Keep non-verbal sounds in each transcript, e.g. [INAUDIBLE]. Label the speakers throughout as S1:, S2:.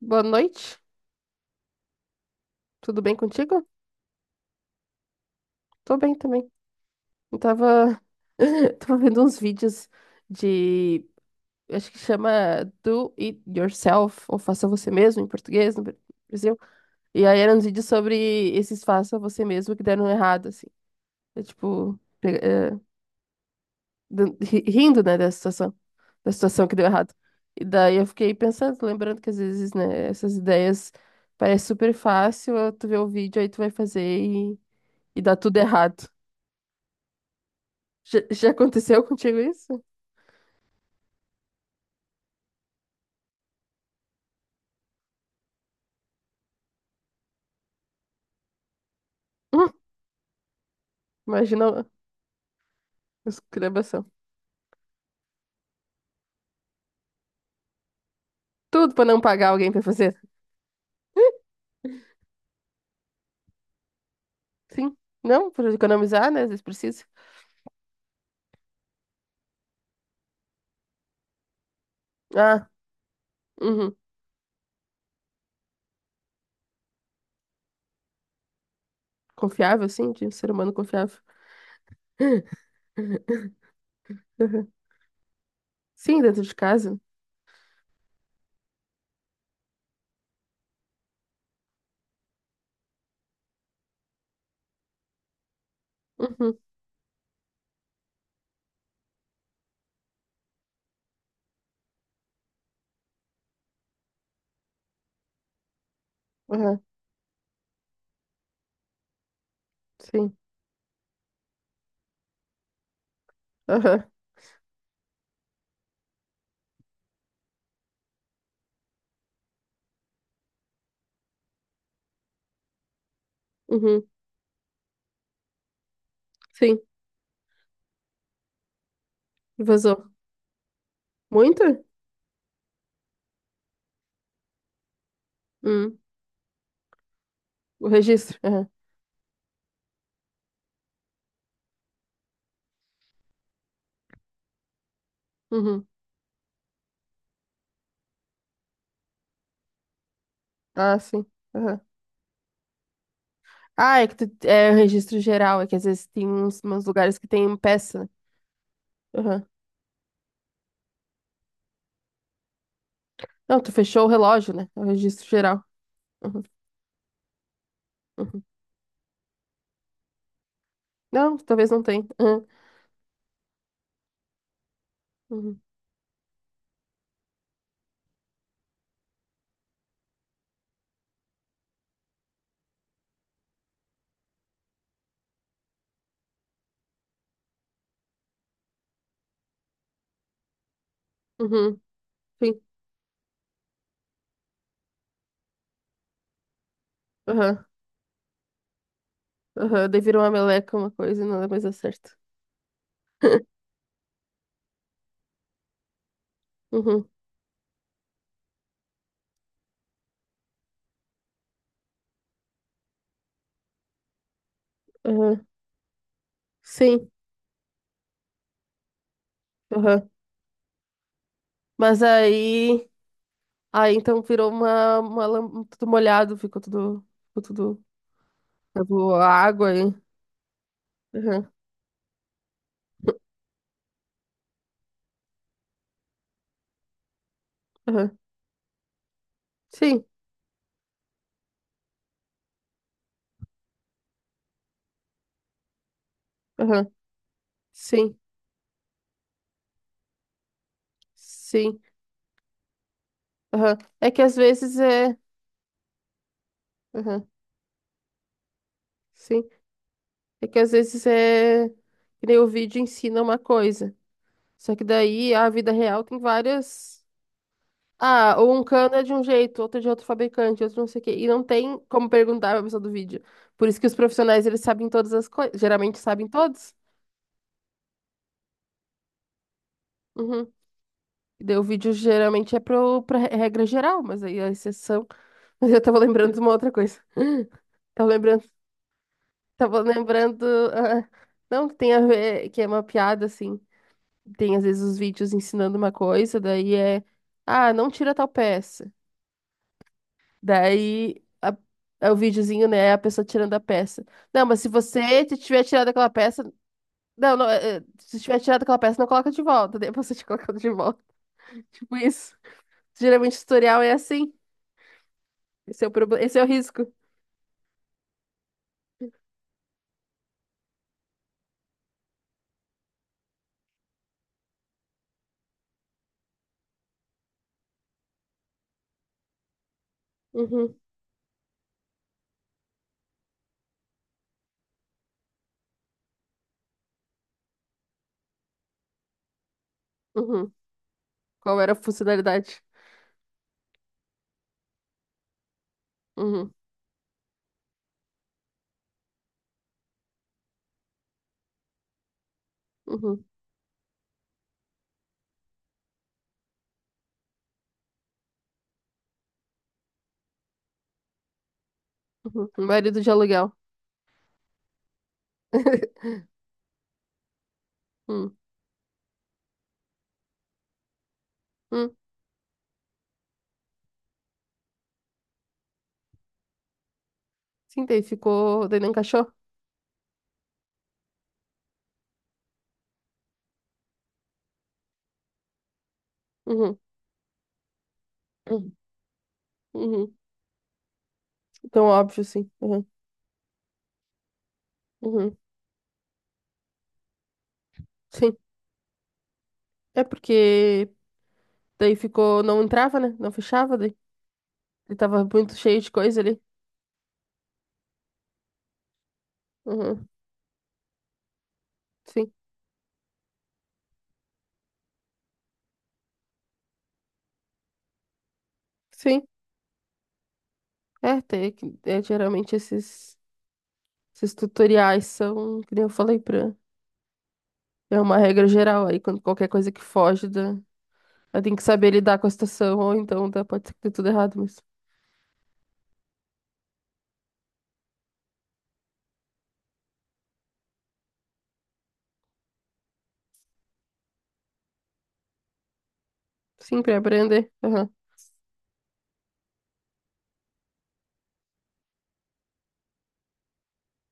S1: Boa noite, tudo bem contigo? Tô bem também. Eu tava, [LAUGHS] tava vendo uns vídeos de, acho que chama Do It Yourself, ou Faça Você Mesmo em português, no Brasil. E aí eram uns vídeos sobre esses Faça Você Mesmo que deram errado, assim. É rindo, né, da situação que deu errado. E daí eu fiquei pensando, lembrando que às vezes, né, essas ideias parecem super fácil, tu vê o vídeo, aí tu vai fazer e dá tudo errado. Já aconteceu contigo isso? [LAUGHS] Hum, imagina a escrabação. Tudo pra não pagar alguém pra fazer. Sim. Não, pra economizar, né? Às vezes precisa. Ah, uhum. Confiável, sim, de um ser humano confiável. [LAUGHS] Uhum. Sim, dentro de casa. Uhum. Aham. Sim. Aham. Uhum. Sim. E vazou. Muito? Hum. O registro? Aham. Uhum. Ah, sim. Aham. Ah, é que tu, é o registro geral, é que às vezes tem uns, uns lugares que tem peça. Não, tu fechou o relógio, né? É o registro geral. Uhum, uhum. Não, talvez não tenha. Uhum, uhum, uhum, sim. Aham, aham. Daí virou uma meleca, uma coisa, e não é mais a certo. [LAUGHS] Uhum, aham. Sim, aham. Mas aí. Aí então virou uma tudo molhado, ficou tudo. Ficou tudo. Acabou a água aí. Aham, aham. Sim, aham. Sim, sim. Aham. É que às vezes é. Aham. Sim. É que às vezes é que nem o vídeo ensina uma coisa. Só que daí a vida real tem várias. Ah, ou um cano é de um jeito, outro é de outro fabricante, outro não sei o quê. E não tem como perguntar pra pessoa do vídeo. Por isso que os profissionais, eles sabem todas as coisas. Geralmente sabem todos. Uhum. E daí o vídeo geralmente é pra regra geral, mas aí a exceção. [LAUGHS] Mas eu tava lembrando de uma outra coisa. Tava lembrando. Tava lembrando. Ah, não, que tem a ver, que é uma piada, assim. Tem às vezes os vídeos ensinando uma coisa, ah, não tira tal peça. Daí a- é o videozinho, né, a pessoa tirando a peça. Não, mas se você tiver tirado aquela peça, se tiver tirado aquela peça, não coloca de volta, daí você te colocando de volta. [LAUGHS] Tipo isso. Geralmente o tutorial é assim. Esse é o problema, esse é o risco. Uhum, uhum. Qual era a funcionalidade? Uhum, uhum, uhum. Marido de aluguel. [LAUGHS] Hum, hum. Sim, daí ficou, daí não encaixou? Uhum, uhum, uhum. Tão óbvio, sim. Uhum. Uhum. Sim. É porque daí ficou. Não entrava, né? Não fechava, daí. Ele tava muito cheio de coisa ali. Uhum. Sim. Sim. É, tem, é geralmente esses tutoriais são, que nem eu falei pra. É uma regra geral aí, quando qualquer coisa que foge da. Aí tem que saber lidar com a situação, ou então dá, pode ser que dê tudo errado, mas. Sim, pra aprender. Uhum.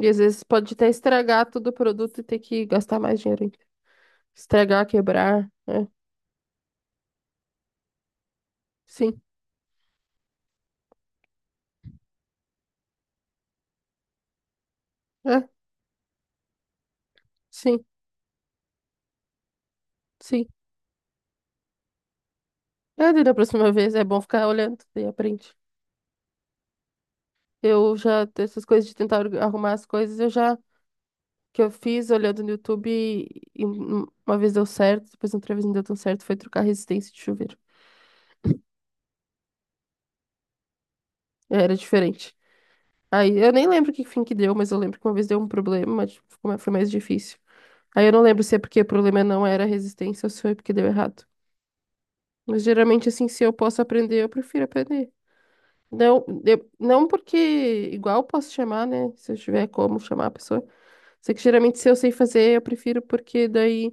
S1: E às vezes pode até estragar todo o produto e ter que gastar mais dinheiro ainda. Estragar, quebrar. É. Sim. É. Sim. Sim. É, daí da próxima vez é bom ficar olhando e aprende. Eu já, essas coisas de tentar arrumar as coisas, eu já, que eu fiz olhando no YouTube e uma vez deu certo, depois outra vez não deu tão certo, foi trocar a resistência de chuveiro. Era diferente. Aí, eu nem lembro que fim que deu, mas eu lembro que uma vez deu um problema, mas tipo, ficou foi mais difícil. Aí eu não lembro se é porque o problema não era a resistência ou se foi porque deu errado. Mas geralmente, assim, se eu posso aprender, eu prefiro aprender. Não porque igual posso chamar, né? Se eu tiver como chamar a pessoa. Só que geralmente se eu sei fazer, eu prefiro porque daí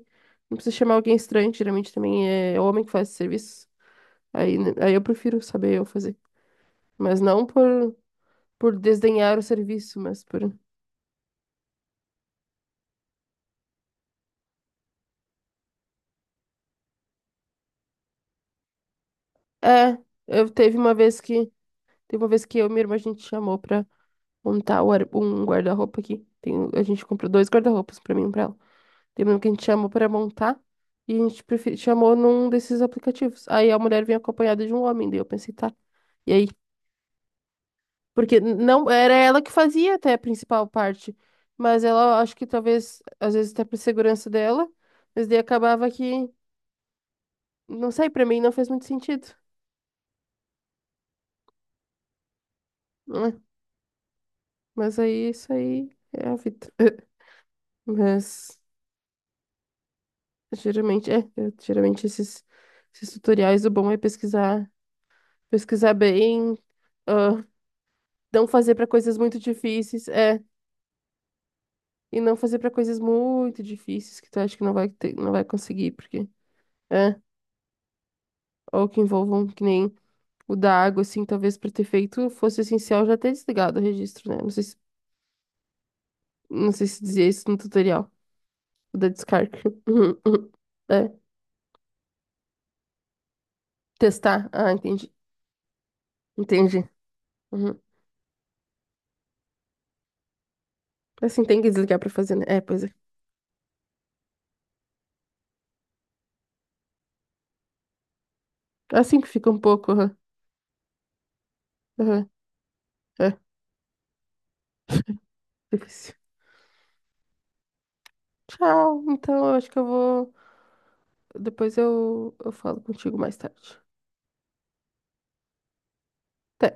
S1: não precisa chamar alguém estranho, geralmente também é homem que faz esse serviço. Aí, né, aí eu prefiro saber eu fazer. Mas não por, por desdenhar o serviço, mas por. É, eu teve uma vez que. Teve uma vez que eu e minha irmã a gente chamou pra montar um guarda-roupa aqui. Tem, a gente comprou dois guarda-roupas pra mim e pra ela. Tem um que a gente chamou para montar e a gente chamou num desses aplicativos. Aí a mulher vinha acompanhada de um homem, daí eu pensei, tá. E aí, porque não era ela que fazia até a principal parte, mas ela acho que talvez às vezes até por segurança dela, mas daí acabava que, não sei, para mim não fez muito sentido, né? Mas aí isso aí é a vida. [LAUGHS] Mas geralmente geralmente esses tutoriais o bom é pesquisar, pesquisar bem. Ah, não fazer pra coisas muito difíceis, é. E não fazer pra coisas muito difíceis que tu acha que não vai conseguir, porque é, ou que envolvam que nem o da água, assim, talvez pra ter feito fosse essencial já ter desligado o registro, né? Não sei se dizia isso no tutorial, o da descarga. [LAUGHS] Uhum, uhum. É, testar. Ah, entendi. Entendi. Uhum. Assim tem que desligar pra fazer, né? É, pois é. Assim que fica um pouco. Aham, aham, é, difícil. Tchau. Então, eu acho que eu vou. Eu falo contigo mais tarde. Te-